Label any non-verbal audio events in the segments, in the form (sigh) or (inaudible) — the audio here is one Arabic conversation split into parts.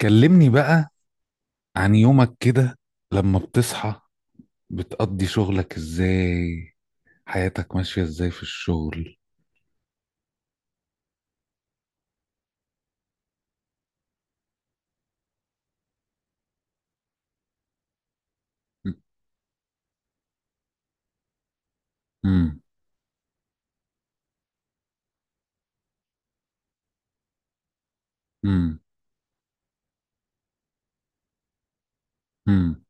كلمني بقى عن يومك كده، لما بتصحى بتقضي شغلك ازاي؟ حياتك ماشية ازاي في الشغل؟ امم. امم. امم.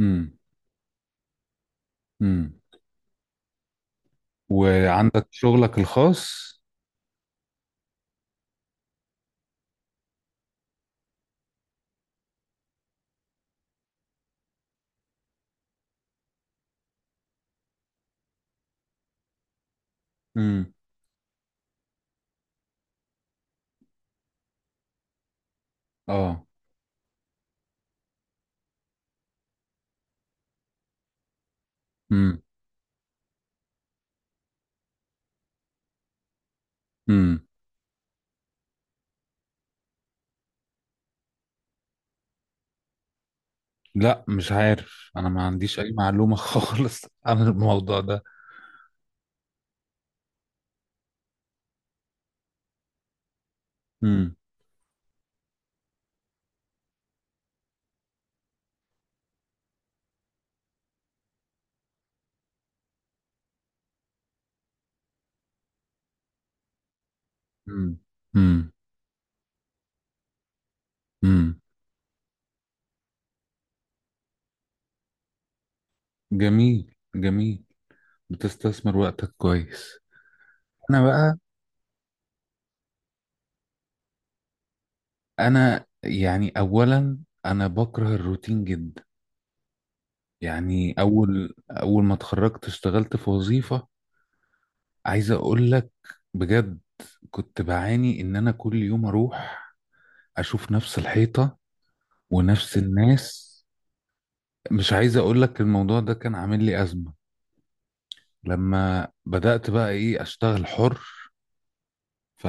امم. امم. وعندك شغلك الخاص؟ امم. اه. امم. امم. لا، مش عارف، انا ما عنديش اي معلومة (laughs) خالص عن الموضوع ده. امم. امم. امم. امم. جميل، جميل. بتستثمر وقتك كويس. انا بقى، انا يعني اولا، انا بكره الروتين جدا. يعني اول ما اتخرجت اشتغلت في وظيفة. عايز اقول لك بجد، كنت بعاني ان انا كل يوم اروح اشوف نفس الحيطة ونفس الناس. مش عايز اقول لك، الموضوع ده كان عامل لي ازمة. لما بدأت بقى ايه اشتغل حر. ف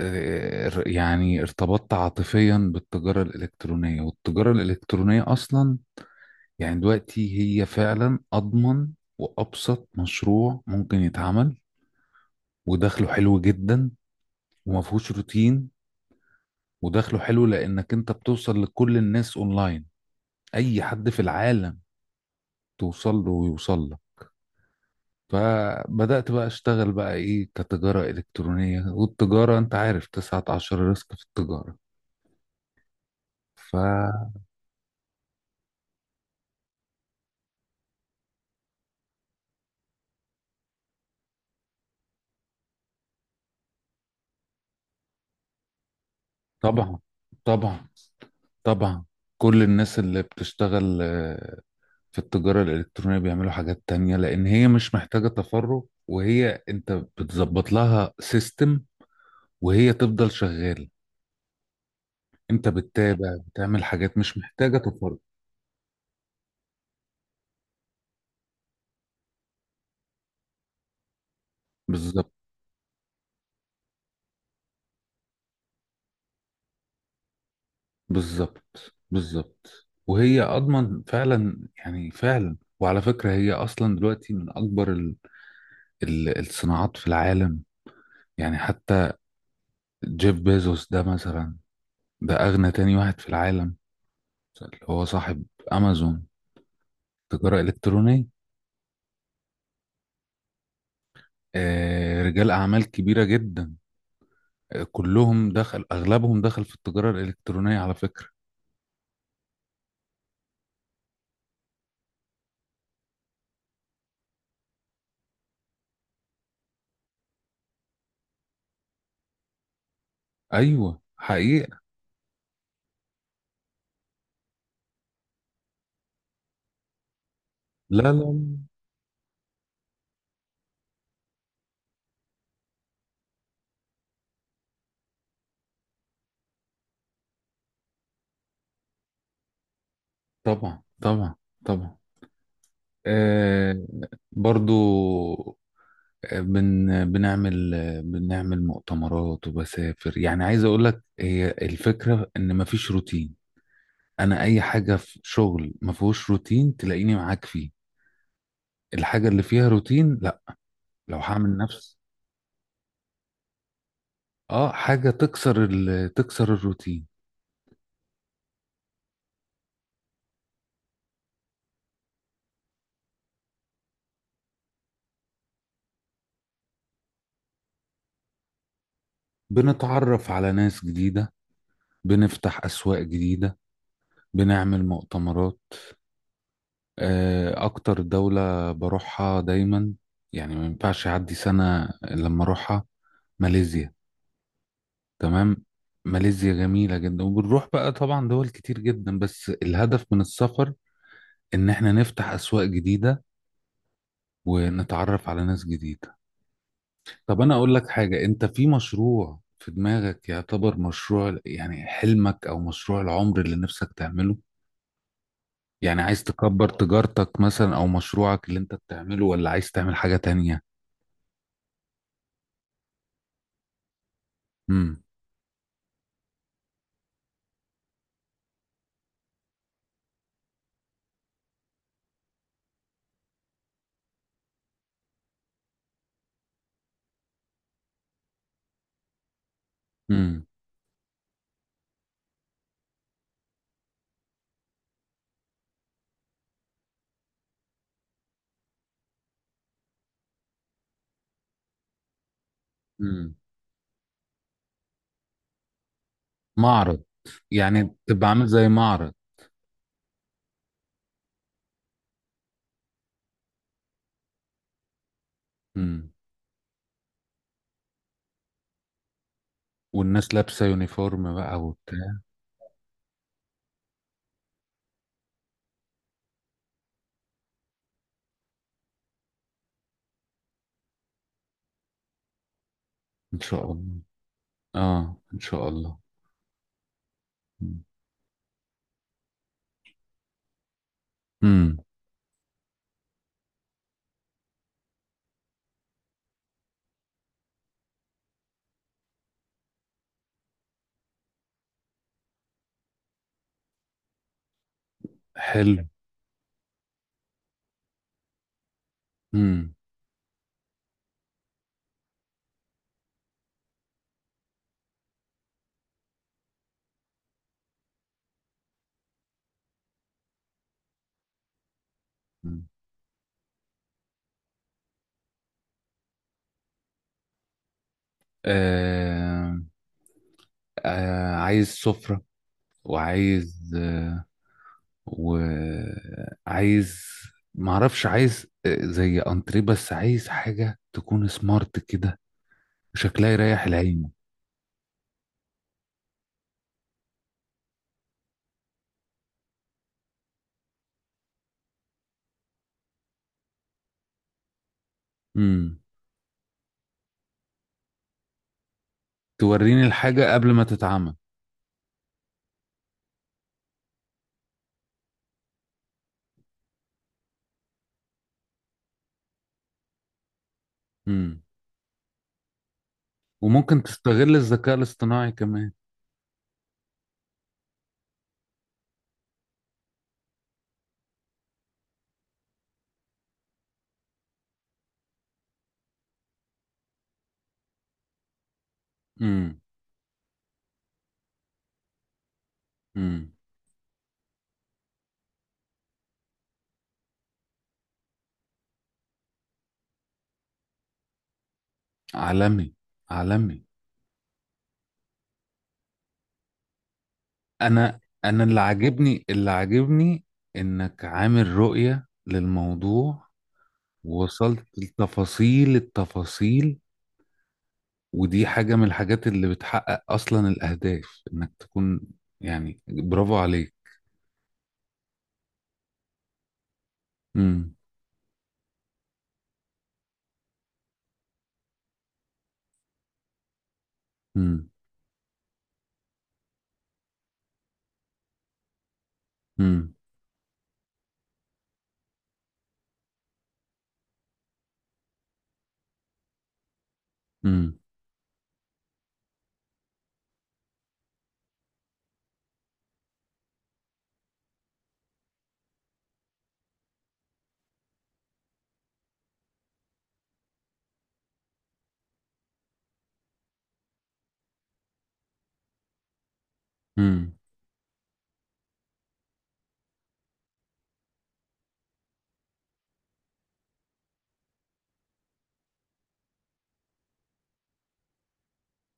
يعني ارتبطت عاطفيا بالتجارة الإلكترونية. والتجارة الإلكترونية أصلا يعني دلوقتي هي فعلا أضمن وأبسط مشروع ممكن يتعمل، ودخله حلو جدا وما فيهوش روتين. ودخله حلو لأنك أنت بتوصل لكل الناس أونلاين، أي حد في العالم توصل له ويوصل له. فبدأت بقى أشتغل بقى إيه كتجارة إلكترونية. والتجارة أنت عارف 19 ريسك في التجارة. فطبعا، طبعا، طبعا، كل الناس اللي بتشتغل في التجارة الإلكترونية بيعملوا حاجات تانية لأن هي مش محتاجة تفرغ. وهي أنت بتظبط لها سيستم وهي تفضل شغالة. أنت بتتابع بتعمل حاجات مش محتاجة تفرغ. بالظبط، بالظبط، بالظبط. وهي أضمن فعلا، يعني فعلا. وعلى فكرة هي أصلا دلوقتي من أكبر ال ال الصناعات في العالم. يعني حتى جيف بيزوس ده مثلا، ده أغنى تاني واحد في العالم، اللي هو صاحب أمازون، تجارة إلكترونية. رجال أعمال كبيرة جدا. كلهم دخل أغلبهم دخل في التجارة الإلكترونية على فكرة. أيوة، حقيقة. لا، لا، لا. طبعا، طبعا، طبعا. آه. برضو. بنعمل، بنعمل مؤتمرات وبسافر. يعني عايز أقول لك، هي الفكرة إن مفيش روتين. أنا أي حاجة في شغل مفهوش روتين تلاقيني معاك فيه، الحاجة اللي فيها روتين لا. لو هعمل نفس اه حاجة تكسر الروتين. بنتعرف على ناس جديدة، بنفتح أسواق جديدة، بنعمل مؤتمرات. أكتر دولة بروحها دايما، يعني ما ينفعش يعدي سنة إلا لما أروحها، ماليزيا. تمام. ماليزيا جميلة جدا، وبنروح بقى طبعا دول كتير جدا، بس الهدف من السفر إن إحنا نفتح أسواق جديدة ونتعرف على ناس جديدة. طب أنا أقول لك حاجة، أنت في مشروع في دماغك يعتبر مشروع، يعني حلمك أو مشروع العمر اللي نفسك تعمله؟ يعني عايز تكبر تجارتك مثلا او مشروعك اللي انت بتعمله، ولا عايز تعمل حاجة تانية؟ امم. امم. امم. معرض. يعني تبقى عامل زي معرض؟ امم. والناس لابسة يونيفورم بقى وبتاع؟ ان شاء الله. اه، ان شاء الله. امم. امم. حلو. امم. آه. عايز سفرة، وعايز، وعايز، معرفش، عايز زي انتريه، بس عايز حاجة تكون سمارت كده، شكلها يريح العين. امم. توريني الحاجة قبل ما تتعمل. امم. وممكن تستغل الذكاء الاصطناعي كمان. امم. امم. عالمي، عالمي. انا اللي عاجبني، اللي عاجبني انك عامل رؤية للموضوع، ووصلت لتفاصيل التفاصيل. ودي حاجة من الحاجات اللي بتحقق اصلا الاهداف انك تكون، يعني برافو عليك. امم. امم. امم. امم.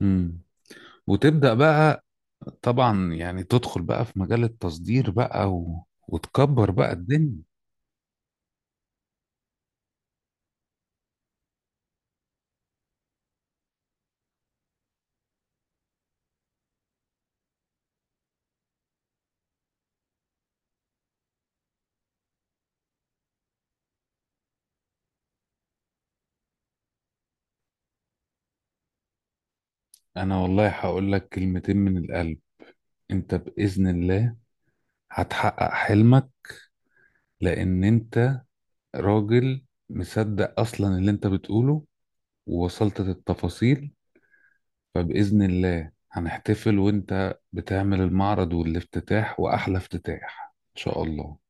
امم. وتبدأ بقى، طبعا يعني تدخل بقى في مجال التصدير بقى، وتكبر بقى الدنيا. انا والله هقول لك كلمتين من القلب، انت بإذن الله هتحقق حلمك، لان انت راجل مصدق اصلا اللي انت بتقوله، ووصلت للتفاصيل. فبإذن الله هنحتفل وانت بتعمل المعرض والافتتاح، واحلى افتتاح ان شاء الله.